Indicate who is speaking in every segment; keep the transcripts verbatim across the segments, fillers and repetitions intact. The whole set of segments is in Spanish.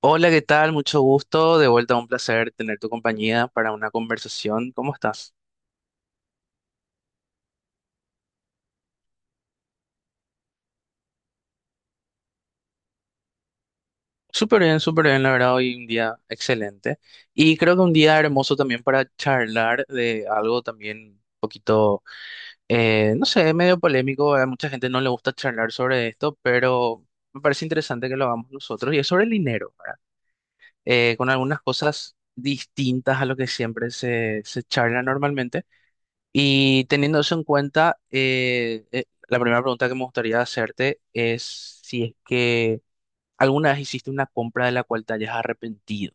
Speaker 1: Hola, ¿qué tal? Mucho gusto. De vuelta, un placer tener tu compañía para una conversación. ¿Cómo estás? Súper bien, súper bien, la verdad, hoy un día excelente. Y creo que un día hermoso también para charlar de algo también un poquito, eh, no sé, medio polémico. A mucha gente no le gusta charlar sobre esto, pero me parece interesante que lo hagamos nosotros. Y es sobre el dinero, ¿verdad? Eh, con algunas cosas distintas a lo que siempre se, se charla normalmente. Y teniendo eso en cuenta, eh, eh, la primera pregunta que me gustaría hacerte es si es que alguna vez hiciste una compra de la cual te hayas arrepentido.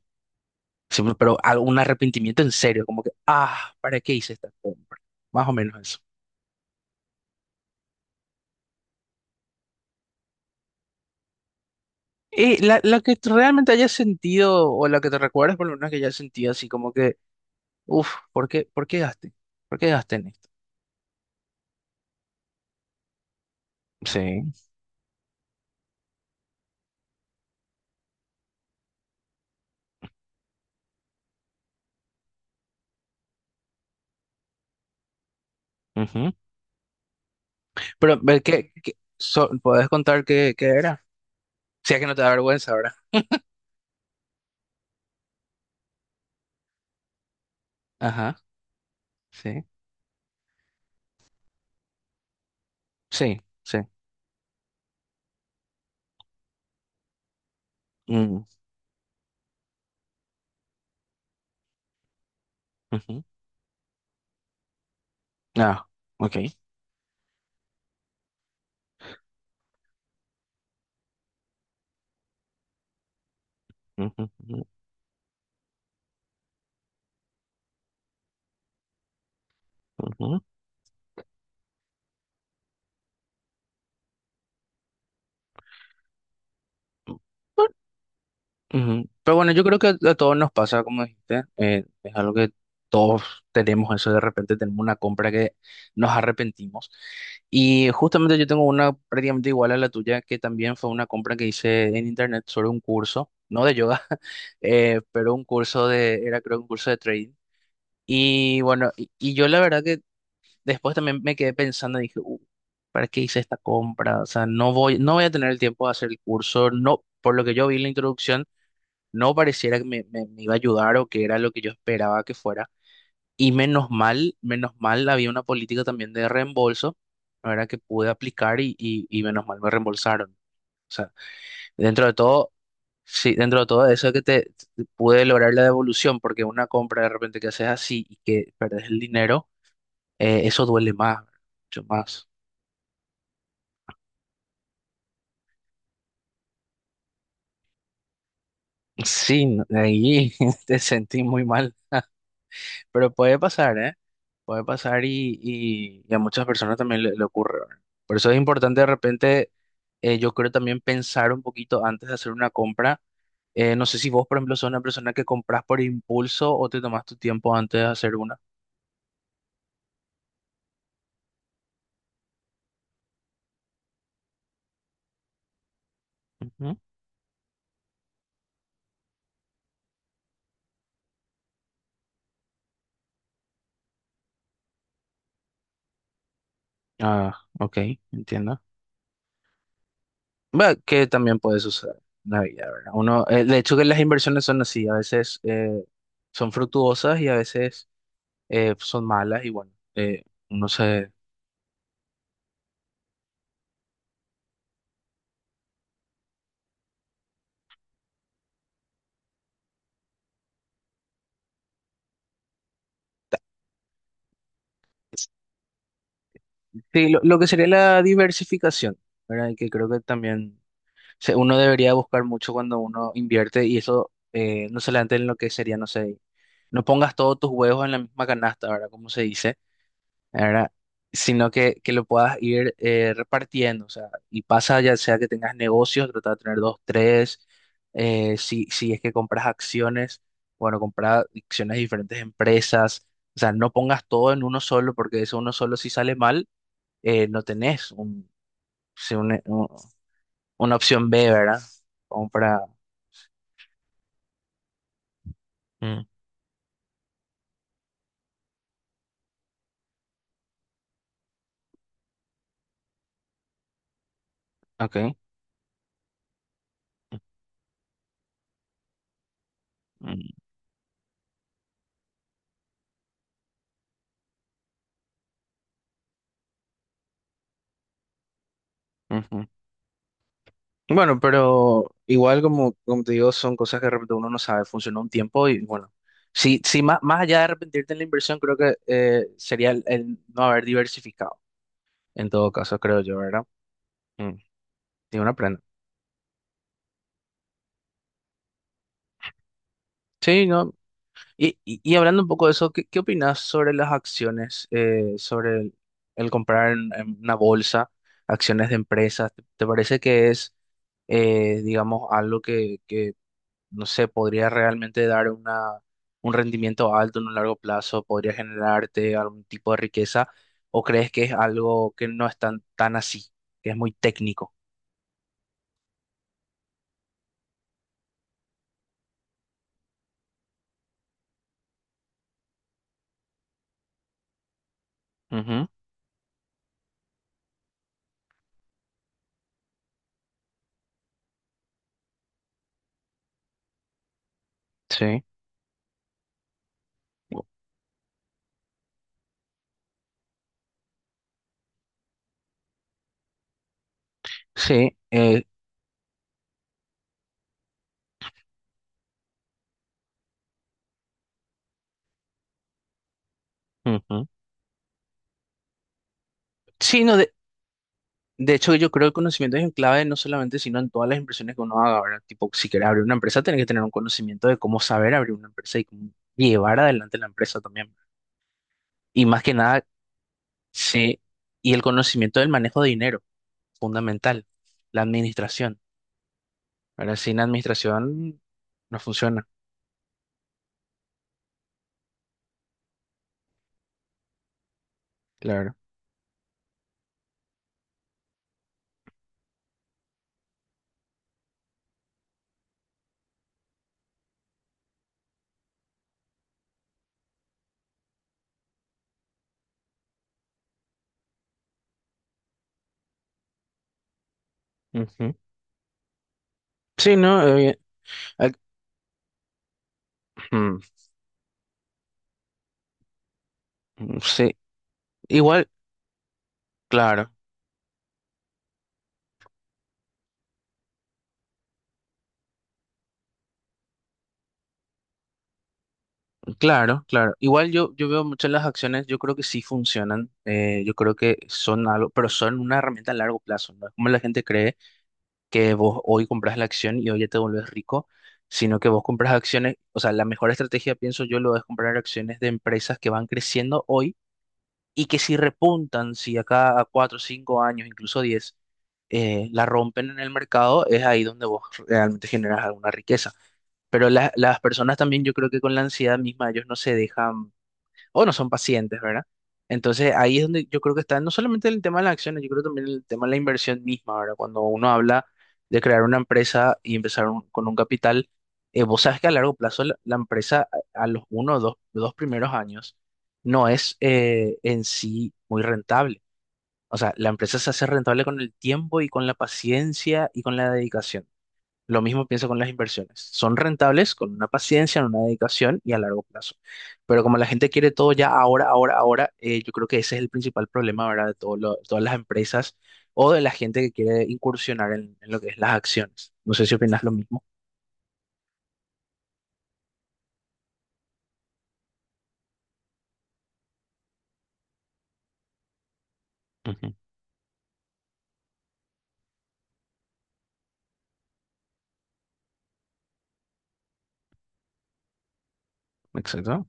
Speaker 1: Sí, pero pero algún arrepentimiento en serio, como que, ah, ¿para qué hice esta compra? Más o menos eso. Y la, la que tú realmente hayas sentido, o la que te recuerdes, por lo menos que hayas sentido así como que, uff, ¿por qué, por qué gasté? ¿Por qué gasté en esto? Sí. Ujú. Pero, ve, ¿qué, qué- so- puedes contar qué, qué era? Si es que no te da vergüenza ahora. Ajá, sí. Sí, sí. Mm, ujú. Ah, ok. Ujú, ujú, ujú. Ujú. Pero bueno, yo creo que a todos nos pasa, como dijiste, eh, es algo que todos tenemos eso, de repente tenemos una compra que nos arrepentimos. Y justamente yo tengo una prácticamente igual a la tuya, que también fue una compra que hice en internet sobre un curso, no de yoga, eh, pero un curso de, era creo un curso de trading. Y bueno, y, y yo la verdad que. Después también me quedé pensando y dije, "Uh, ¿para qué hice esta compra? O sea, no voy, no voy a tener el tiempo de hacer el curso. No, por lo que yo vi en la introducción, no pareciera que me, me, me iba a ayudar o que era lo que yo esperaba que fuera. Y menos mal, menos mal había una política también de reembolso, ¿verdad? Que pude aplicar y, y, y menos mal me reembolsaron. O sea, dentro de todo, sí, dentro de todo eso que te, te- pude lograr la devolución, porque una compra de repente que haces así y que perdes el dinero, eh, eso duele más, mucho más. Sí, no- ahí te sentí muy mal, pero puede pasar, ¿eh? Puede pasar y, y, y a muchas personas también le, le ocurre, ¿verdad? Por eso es importante de repente, eh, yo creo también pensar un poquito antes de hacer una compra. Eh, no sé si vos, por ejemplo, sos una persona que compras por impulso o te tomas tu tiempo antes de hacer una. Ujú. Ah, ok, entiendo. Bueno, que también puede suceder en la vida, ¿verdad? Uno, eh, de hecho que las inversiones son así, a veces eh, son fructuosas y a veces eh, son malas y bueno, eh, uno se... Sí, lo, lo que sería la diversificación, ¿verdad? Y Que creo que también se- uno debería buscar mucho cuando uno invierte y eso, eh, no solamente en lo que sería, no sé, no pongas todos tus huevos en la misma canasta, ¿verdad? Como se dice, ¿verdad? Sino que, que lo puedas ir, eh, repartiendo, o sea, y pasa ya sea que tengas negocios, trata de tener dos, tres, eh, si, si es que compras acciones, bueno, comprar acciones de diferentes empresas, o sea, no pongas todo en uno solo, porque eso uno solo si sale mal, eh, no tenés un, si un- un- una opción B, ¿verdad? Compra. Mm, ok. Mm, ujú. Bueno, pero igual como, como te digo, son cosas que de repente uno no sabe, funcionó un tiempo y bueno, sí, sí, más, más allá de arrepentirte en la inversión, creo que, eh, sería el, el no haber diversificado, en todo caso, creo yo, ¿verdad? Mm, y uno aprende. Sí, no. Y, y, y hablando un poco de eso, ¿qué, qué opinas sobre las acciones, eh, sobre el, el comprar en, en una bolsa, acciones de empresas? ¿Te, te parece que es, eh, digamos, algo que, que no sé, podría realmente dar una, un rendimiento alto en un largo plazo, podría generarte algún tipo de riqueza, o crees que es algo que no es tan, tan así, que es muy técnico? Ujú. Sí. Sí, eh, ujú. Sí, no, de, de hecho yo creo que el conocimiento es en clave no solamente, sino en todas las inversiones que uno haga, ¿verdad? Tipo, si quieres abrir una empresa, tienes que tener un conocimiento de cómo saber abrir una empresa y cómo llevar adelante la empresa también. Y más que nada, sí, y el conocimiento del manejo de dinero. Fundamental, la administración. Ahora, sin administración no funciona, claro. Ujú. Sí, no, Eh, ac- mm, mm, sí, igual, claro, claro, claro. Igual yo, yo veo muchas las acciones, yo creo que sí funcionan, eh, yo creo que son algo, pero son una herramienta a largo plazo, ¿no? Es como la gente cree que vos hoy compras la acción y hoy ya te volvés rico, sino que vos compras acciones, o sea, la mejor estrategia, pienso yo, lo es comprar acciones de empresas que van creciendo hoy y que si repuntan, si acá a cuatro, cinco años, incluso diez, eh, la rompen en el mercado, es ahí donde vos realmente generas alguna riqueza. Pero la- las personas también, yo creo que con la ansiedad misma, ellos no se dejan o no son pacientes, ¿verdad? Entonces ahí es donde yo creo que está no solamente el tema de las acciones, yo creo también el tema de la inversión misma, ¿verdad? Cuando uno habla de crear una empresa y empezar un- con un capital, eh, vos sabes que a largo plazo la, la empresa a a los uno o dos, dos primeros años no es, eh, en sí muy rentable. O sea, la empresa se hace rentable con el tiempo y con la paciencia y con la dedicación. Lo mismo pienso con las inversiones. Son rentables con una paciencia, una dedicación y a largo plazo. Pero como la gente quiere todo ya ahora, ahora, ahora, eh, yo creo que ese es el principal problema, ¿verdad? De todo lo- todas las empresas o de la gente que quiere incursionar en, en lo que es las acciones. No sé si opinas lo mismo. Ujú. Exacto.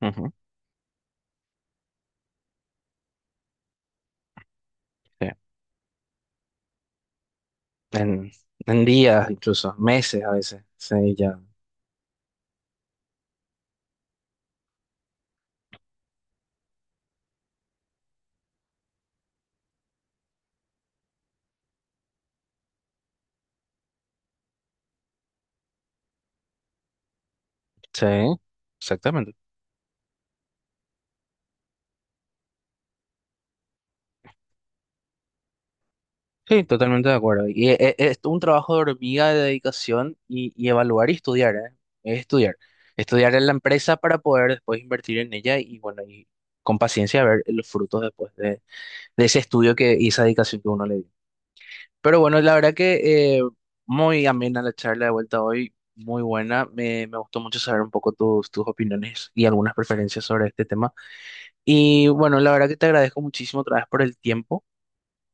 Speaker 1: Ujú. Sí. En, en días, incluso meses a veces. Sí, ya. Sí, exactamente. Sí, totalmente de acuerdo. Y e- e- es un trabajo de hormiga de dedicación y, y evaluar y estudiar, ¿eh? Es estudiar. Estudiar en la empresa para poder después invertir en ella y bueno, y con paciencia ver los frutos después de, de ese estudio que, y esa dedicación que uno le dio. Pero bueno, la verdad que, eh, muy amena la charla de vuelta hoy, muy buena. Me, me gustó mucho saber un poco tus, tus opiniones y algunas preferencias sobre este tema. Y bueno, la verdad que te agradezco muchísimo otra vez por el tiempo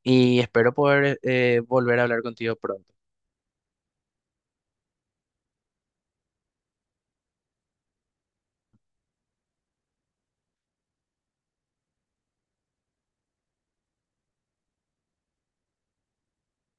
Speaker 1: y espero poder, eh, volver a hablar contigo pronto.